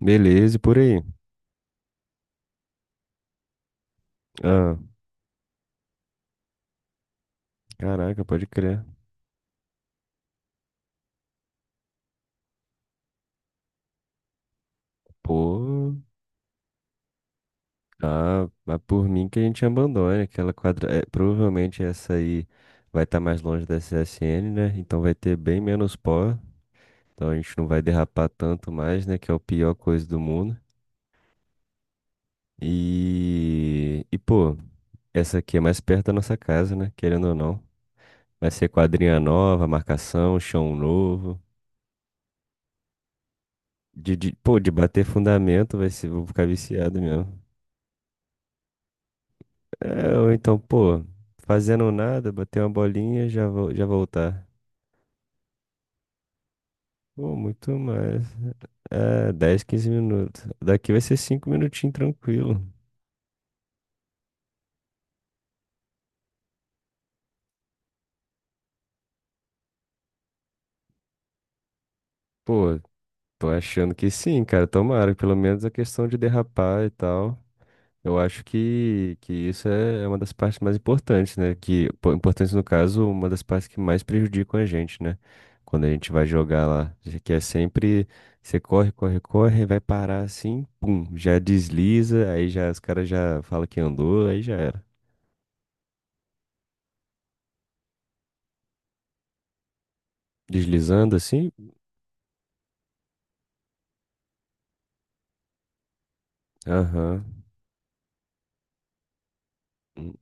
Beleza, e por aí? Ah, caraca, pode crer. Pô, ah, mas por mim que a gente abandone aquela quadra. É, provavelmente essa aí vai estar mais longe da CSN, né? Então vai ter bem menos pó. Então a gente não vai derrapar tanto mais, né? Que é a pior coisa do mundo. E pô, essa aqui é mais perto da nossa casa, né? Querendo ou não. Vai ser quadrinha nova, marcação, chão novo. De bater fundamento, vai ser, vou ficar viciado mesmo. É, ou então, pô, fazendo nada, bater uma bolinha, já vou, já voltar. Pô, muito mais. É, 10, 15 minutos. Daqui vai ser 5 minutinhos tranquilo. Pô, tô achando que sim, cara. Tomara, pelo menos a questão de derrapar e tal. Eu acho que isso é uma das partes mais importantes, né? Que, pô, importante no caso, uma das partes que mais prejudicam a gente, né? Quando a gente vai jogar lá, que é sempre, você corre, corre, corre, vai parar assim, pum, já desliza, aí já os caras já falam que andou, aí já era. Deslizando assim? Aham. Hum.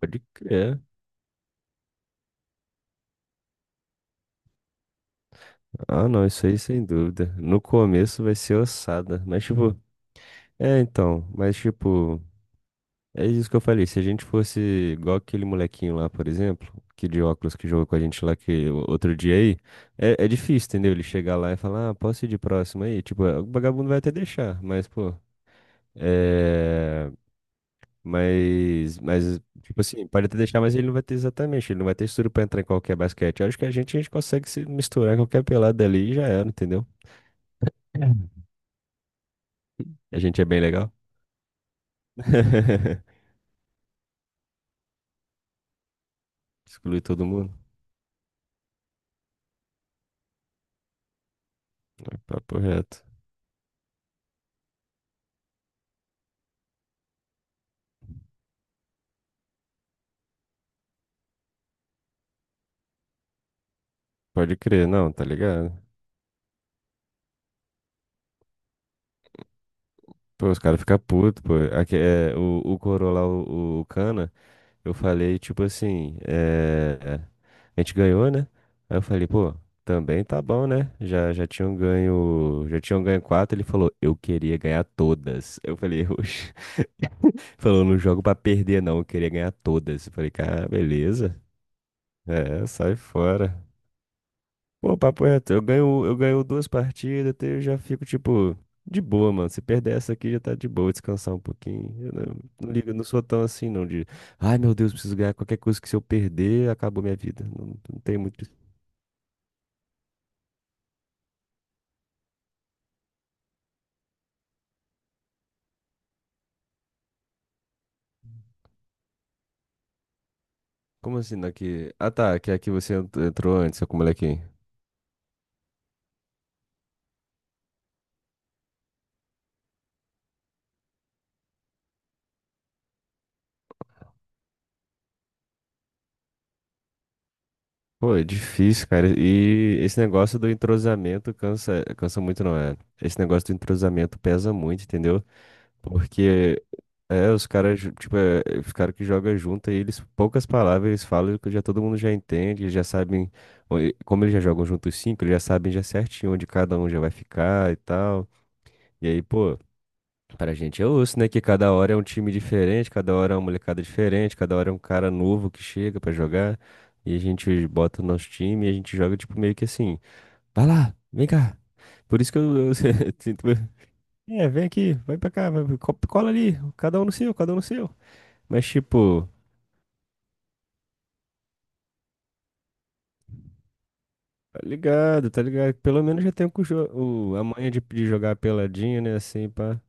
Pode crer. Ah, não, isso aí sem dúvida. No começo vai ser ossada, mas tipo, é então, mas tipo. É isso que eu falei. Se a gente fosse igual aquele molequinho lá, por exemplo, que de óculos que jogou com a gente lá que outro dia aí, é, é difícil, entendeu? Ele chegar lá e falar, ah, posso ir de próximo aí? Tipo, o vagabundo vai até deixar, mas, pô, é. Mas, tipo assim, pode até deixar, mas ele não vai ter exatamente, ele não vai ter estrutura pra entrar em qualquer basquete. Eu acho que a gente consegue se misturar em qualquer pelada ali e já era, entendeu? A gente é bem legal. Exclui todo mundo. É papo reto. Pode crer, não, tá ligado? Pô, os caras ficam putos, pô. Aqui, é, o Corolla, o Cana, eu falei, tipo assim, é, a gente ganhou, né? Aí eu falei, pô, também tá bom, né? Já tinham ganho, já tinham ganho quatro, ele falou, eu queria ganhar todas. Eu falei, oxe. Falou, não jogo pra perder, não, eu queria ganhar todas. Eu falei, cara, beleza. É, sai fora. Pô, papo reto, eu ganho duas partidas, até eu já fico, tipo, de boa, mano. Se perder essa aqui, já tá de boa, descansar um pouquinho. Eu não, não ligo, não sou tão assim, não, de, ai, meu Deus, preciso ganhar qualquer coisa que se eu perder, acabou minha vida. Não, não tem muito... isso. Como assim, daqui? Ah, tá, que aqui você entrou antes, com o molequinho. Pô, é difícil, cara. E esse negócio do entrosamento cansa, cansa muito, não é? Esse negócio do entrosamento pesa muito, entendeu? Porque é, os caras, tipo, os caras que jogam junto, aí eles, poucas palavras, eles falam que já todo mundo já entende, eles já sabem, como eles já jogam juntos cinco, eles já sabem já certinho onde cada um já vai ficar e tal. E aí, pô, pra gente é osso, né? Que cada hora é um time diferente, cada hora é uma molecada diferente, cada hora é um cara novo que chega pra jogar. E a gente bota o nosso time e a gente joga, tipo, meio que assim, vai lá, vem cá. Por isso que eu sinto. É, vem aqui, vai pra cá, vai, cola ali, cada um no seu, cada um no seu. Mas, tipo, tá ligado, tá ligado? Pelo menos já tem o, cujo- o- a manha de jogar peladinha, né, assim, pá.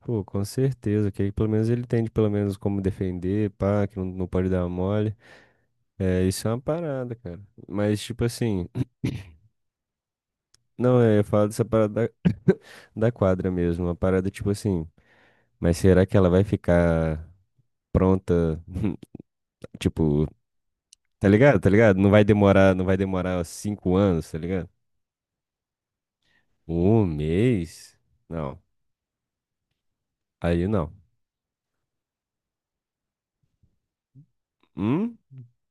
Pô, com certeza, que aí pelo menos ele tem de pelo menos como defender, pá, que não, não pode dar mole. É, isso é uma parada, cara. Mas, tipo assim, não, é, eu falo dessa parada da, da quadra mesmo, uma parada, tipo assim, mas será que ela vai ficar pronta, tipo, tá ligado? Tá ligado? Não vai demorar, não vai demorar 5 anos, tá ligado? Um mês? Não. Aí não. Hum?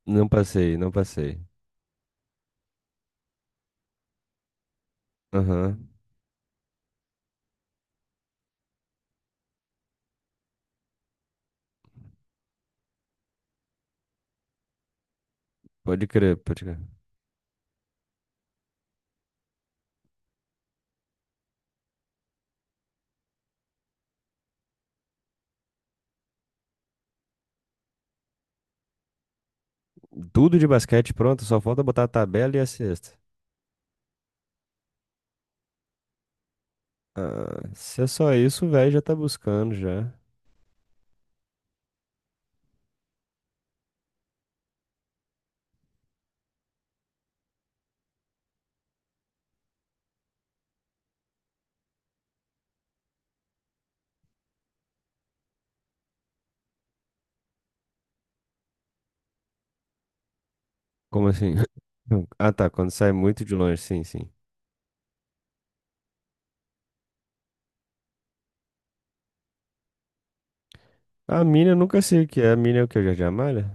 Não passei, não passei. Aham. Pode crer, pode crer. Tudo de basquete pronto, só falta botar a tabela e a cesta. Se é só isso, o velho já tá buscando já. Como assim? Ah, tá. Quando sai muito de longe, sim, sim. A mina eu nunca sei o que é. A mina é o que? O Jardim Amália?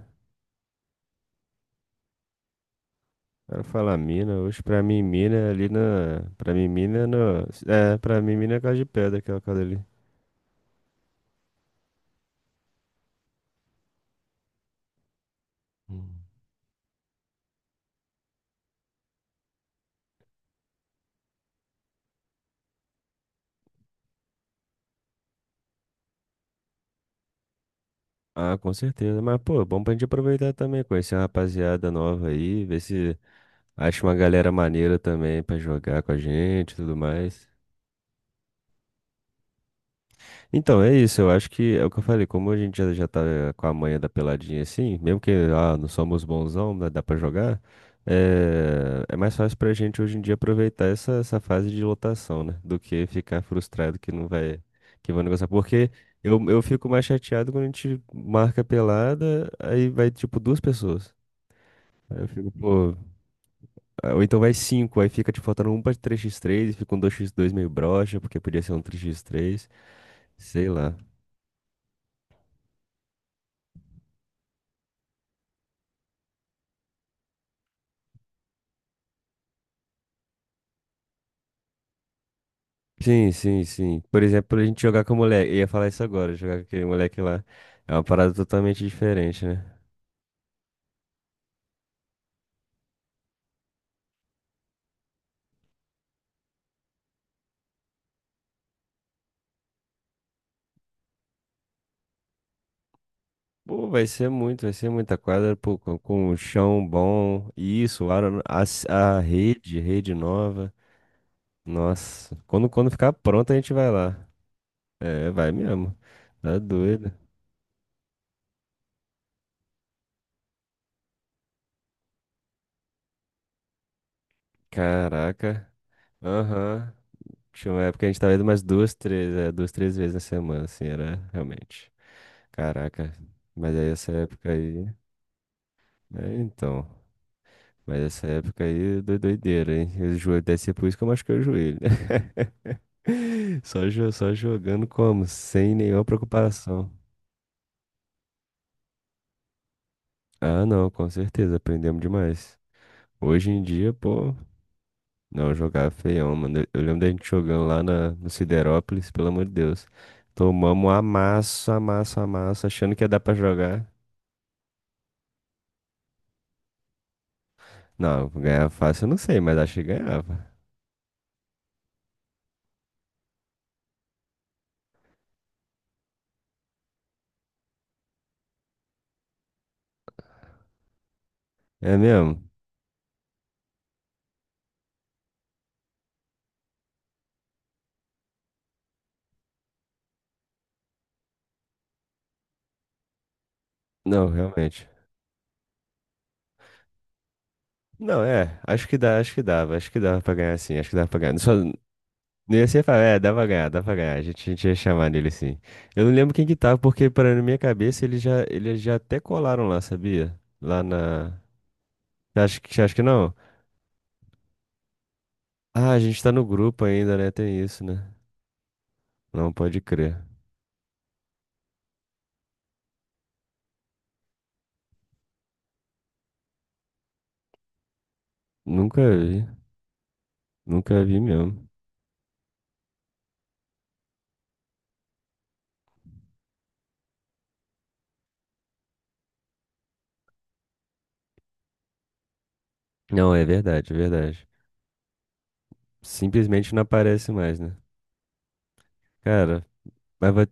Ela fala mina. Hoje pra mim, mina é ali na. Pra mim, mina é no. É, pra mim, mina é a casa de pedra, aquela casa ali. Hum. Ah, com certeza. Mas, pô, é bom pra gente aproveitar também, conhecer uma rapaziada nova aí, ver se acha uma galera maneira também pra jogar com a gente e tudo mais. Então, é isso, eu acho que é o que eu falei, como a gente já, já tá, com a manha da peladinha assim, mesmo que não somos bonzão, né, dá pra jogar, é, é mais fácil pra gente hoje em dia aproveitar essa fase de lotação, né? Do que ficar frustrado que não vai, que vai negociar. Porque eu fico mais chateado quando a gente marca pelada, aí vai tipo duas pessoas. Aí eu fico, pô, ah, ou então vai cinco, aí fica te faltando um pra três x três e fica um dois x dois meio broxa, porque podia ser um três x três, sei lá. Sim, sim, sim. Por exemplo, a gente jogar com o moleque. Eu ia falar isso agora, jogar com aquele moleque lá. É uma parada totalmente diferente, né? Pô, vai ser muito, vai ser muita quadra, pô, com um chão bom. Isso, a rede, rede nova. Nossa, quando ficar pronta a gente vai lá. É, vai mesmo. Tá doido. Caraca. Aham. Tinha uma época que a gente tava indo umas duas, três, duas, três vezes na semana, assim, era realmente. Caraca. Mas aí essa época aí. É, então. Mas essa época aí doideira, hein? O joelho deve ser por isso que eu machuquei o joelho, né? Só, só jogando como? Sem nenhuma preocupação. Ah, não, com certeza, aprendemos demais. Hoje em dia, pô, não, jogava feião, mano. Eu lembro da gente jogando lá na, no Siderópolis, pelo amor de Deus. Tomamos um amasso, amasso, amasso, achando que ia dar pra jogar. Não, ganhava fácil, eu não sei, mas acho que ganhava. É mesmo? Não, realmente. Não, é, acho que dá, acho que dava pra ganhar sim, acho que dava pra ganhar. Só, não ia ser falar, é, dava pra ganhar, a gente ia chamar nele sim. Eu não lembro quem que tava, porque para na minha cabeça eles já até colaram lá, sabia? Lá na... acho que não. Ah, a gente tá no grupo ainda, né, tem isso, né? Não, pode crer. Nunca vi, nunca vi mesmo. Não, é verdade, é verdade. Simplesmente não aparece mais, né? Cara, mas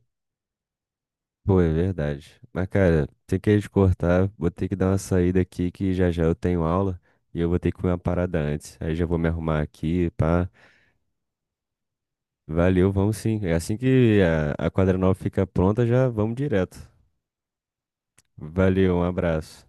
pô, é verdade. Mas, cara, tem que te cortar. Vou ter que dar uma saída aqui que já já eu tenho aula e eu vou ter que comer uma parada antes. Aí já vou me arrumar aqui, pá. Valeu, vamos sim. É assim que a quadra nova fica pronta, já vamos direto. Valeu, um abraço.